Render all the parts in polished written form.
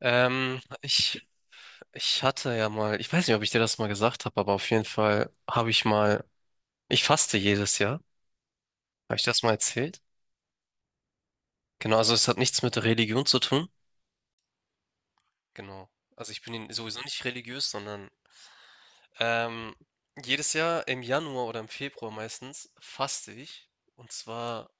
Ähm, ich, ich hatte ja mal, ich weiß nicht, ob ich dir das mal gesagt habe, aber auf jeden Fall habe ich mal, ich faste jedes Jahr. Habe ich das mal erzählt? Genau, also es hat nichts mit Religion zu tun. Genau. Also ich bin ja sowieso nicht religiös, sondern ähm, jedes Jahr im Januar oder im Februar meistens faste ich. Und zwar,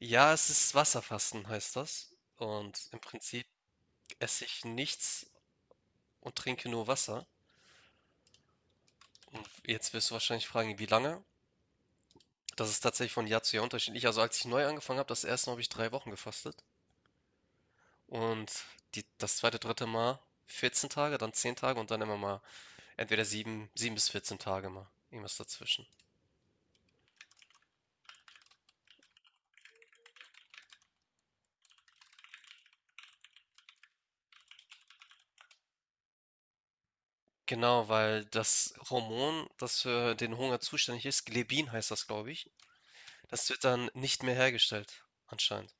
ja, es ist Wasserfasten, heißt das. Und im Prinzip esse ich nichts und trinke nur Wasser. Und jetzt wirst du wahrscheinlich fragen, wie lange? Das ist tatsächlich von Jahr zu Jahr unterschiedlich. Also als ich neu angefangen habe, das erste Mal habe ich drei Wochen gefastet. Und die, das zweite, dritte Mal 14 Tage, dann 10 Tage und dann immer mal entweder 7 bis 14 Tage mal. Irgendwas dazwischen. Genau, weil das Hormon, das für den Hunger zuständig ist, Glebin heißt das, glaube ich, das wird dann nicht mehr hergestellt, anscheinend.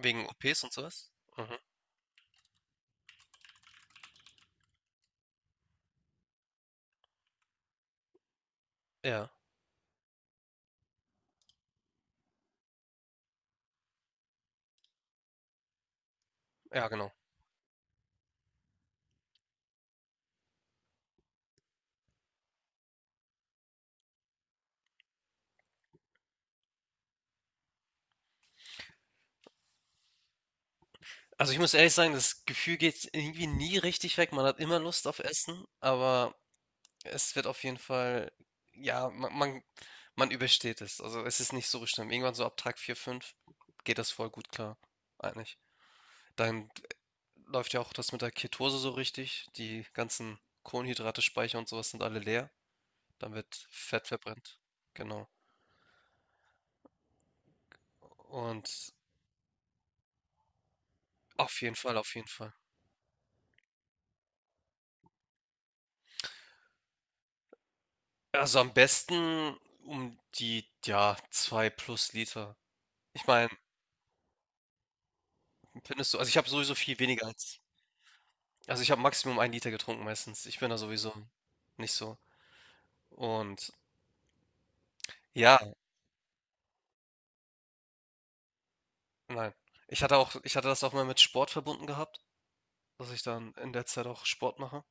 Wegen OPs und sowas. Mhm. Ja, ja, genau. Also ich muss ehrlich sagen, das Gefühl geht irgendwie nie richtig weg. Man hat immer Lust auf Essen, aber es wird auf jeden Fall, ja, man, man, man übersteht es. Also es ist nicht so schlimm. Irgendwann so ab Tag 4 5 geht das voll gut klar, eigentlich. Dann läuft ja auch das mit der Ketose so richtig. Die ganzen Kohlenhydrate, Speicher und sowas sind alle leer. Dann wird Fett verbrennt. Genau. Und auf jeden Fall, auf jeden Fall. Also am besten um die, ja, 2 plus Liter. Ich meine, findest du, also ich habe sowieso viel weniger als. Also, ich habe Maximum ein Liter getrunken meistens. Ich bin da sowieso nicht so. Und ja, nein. Ich hatte das auch mal mit Sport verbunden gehabt, dass ich dann in der Zeit auch Sport mache.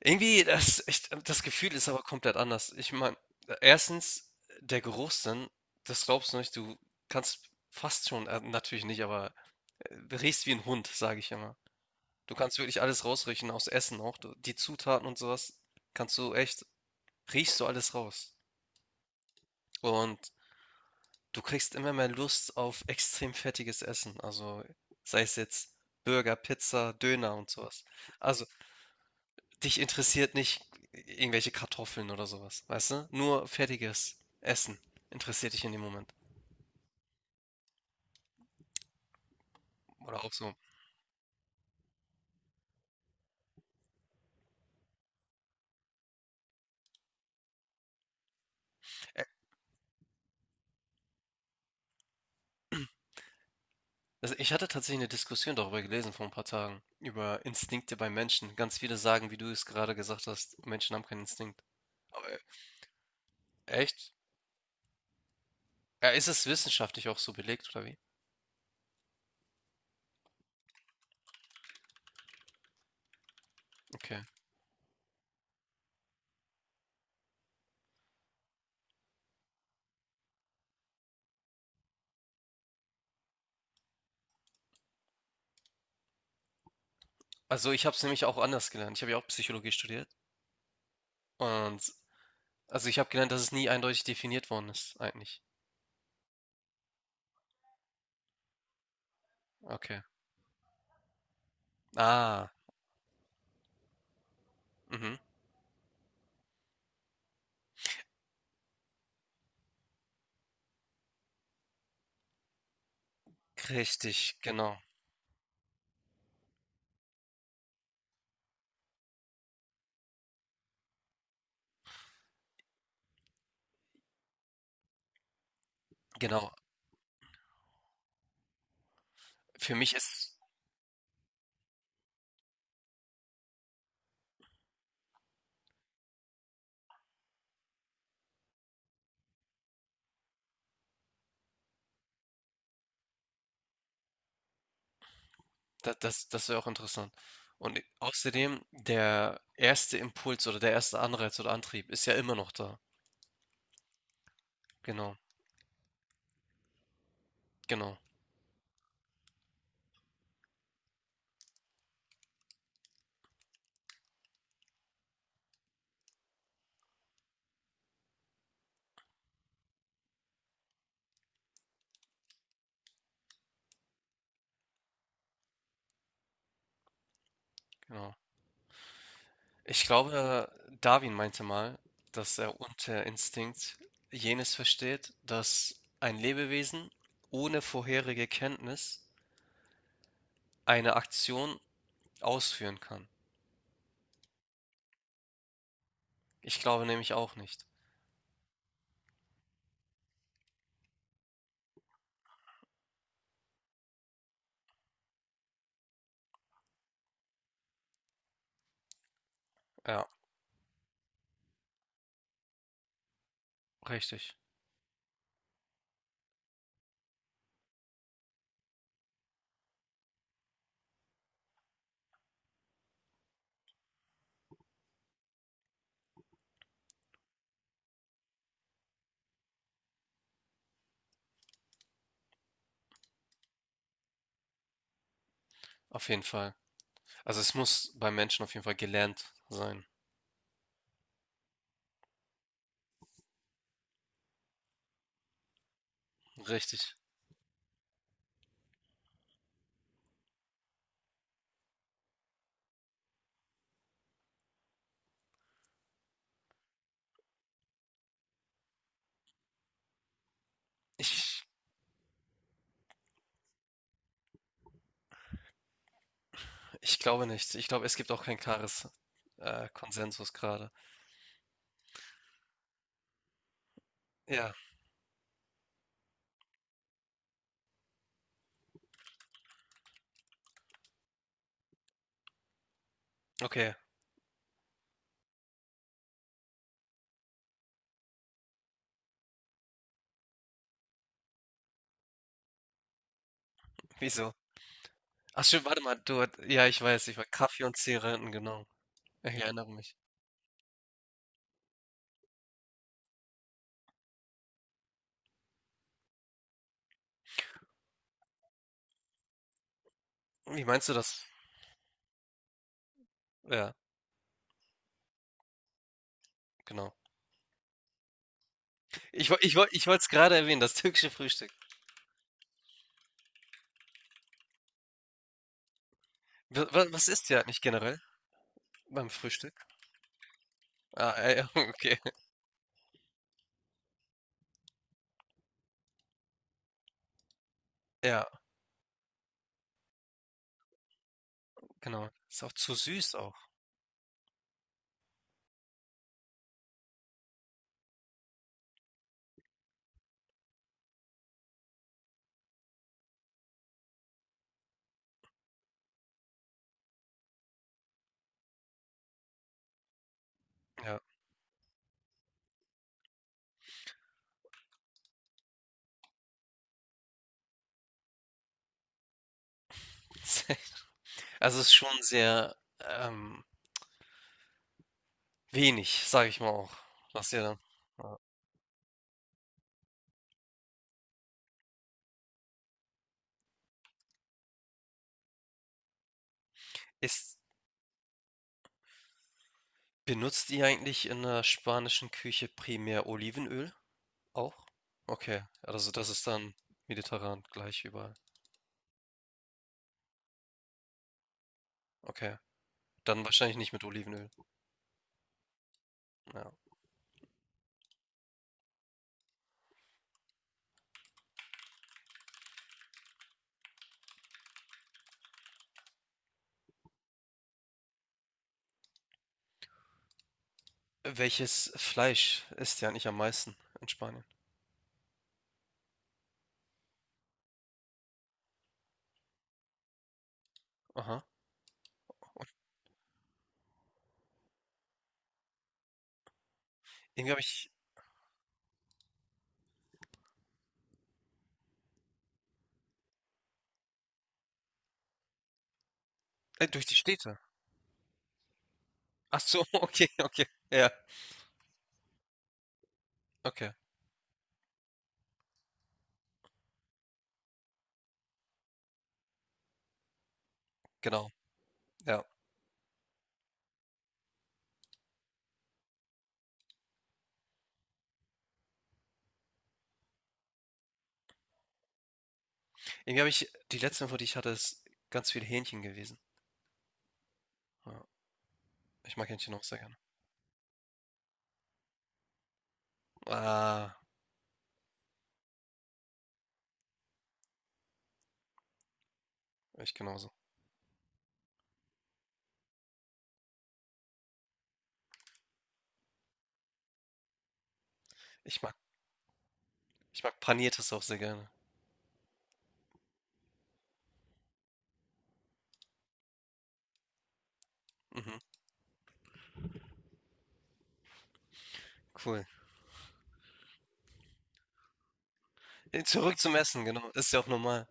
Irgendwie, das Gefühl ist aber komplett anders. Ich meine, erstens, der Geruchssinn, das glaubst du nicht, du kannst fast schon, natürlich nicht, aber riechst wie ein Hund, sage ich immer. Du kannst wirklich alles rausriechen, aus Essen auch. Du, die Zutaten und sowas kannst du echt, riechst du alles raus. Und du kriegst immer mehr Lust auf extrem fettiges Essen, also sei es jetzt Burger, Pizza, Döner und sowas. Also dich interessiert nicht irgendwelche Kartoffeln oder sowas, weißt du? Nur fettiges Essen interessiert dich in dem Moment. Oder auch so. Ä- Also ich hatte tatsächlich eine Diskussion darüber gelesen vor ein paar Tagen, über Instinkte bei Menschen. Ganz viele sagen, wie du es gerade gesagt hast, Menschen haben keinen Instinkt. Aber e- echt? Ja, ist es wissenschaftlich auch so belegt oder wie? Okay. Also ich habe es nämlich auch anders gelernt. Ich habe ja auch Psychologie studiert. Und also ich habe gelernt, dass es nie eindeutig definiert worden ist, eigentlich. Okay. Ah, mhm. Richtig, genau. Genau. Für mich ist das wäre auch interessant. Und außerdem, der erste Impuls oder der erste Anreiz oder Antrieb ist ja immer noch da. Genau, genau, genau. Ich glaube, Darwin meinte mal, dass er unter Instinkt jenes versteht, dass ein Lebewesen ohne vorherige Kenntnis eine Aktion ausführen kann. Ich glaube nämlich auch nicht. Ja, richtig. Auf jeden Fall. Also es muss beim Menschen auf jeden Fall gelernt sein. Richtig. Ich, ich glaube nicht. Ich glaube, es gibt auch kein klares Konsensus gerade. Ja, okay. Wieso? Ach stimmt, warte mal, ja, ich weiß, ich war Kaffee und Zigaretten, genau. Ich erinnere mich. Wie meinst du das? Ja, genau. Ich wollte es gerade erwähnen, das türkische Frühstück. Was ist ja nicht generell beim Frühstück? Ah, ja, ja, okay. Ja, genau. Ist auch zu süß auch. Ja. Also, es ist schon sehr, ähm, wenig, sage ich mal auch, was ihr da ja. Ist benutzt ihr eigentlich in der spanischen Küche primär Olivenöl auch? Okay, also das ist dann mediterran gleich überall. Okay, dann wahrscheinlich nicht mit Olivenöl, ja. Welches Fleisch esst ihr eigentlich am meisten in Spanien? Aha, und irgendwie habe ich durch die Städte? Ach so, okay, okay, ja, okay, genau, ja. Irgendwie habe ich die letzte Info, die ich hatte, ist ganz viel Hähnchen gewesen. Ja, ich mag Hähnchen auch sehr gerne. Ah, ich genauso. Ich mag, ich mag Paniertes auch sehr gerne. Mhm, cool. Zurück zum Essen, genau. Ist ja auch normal.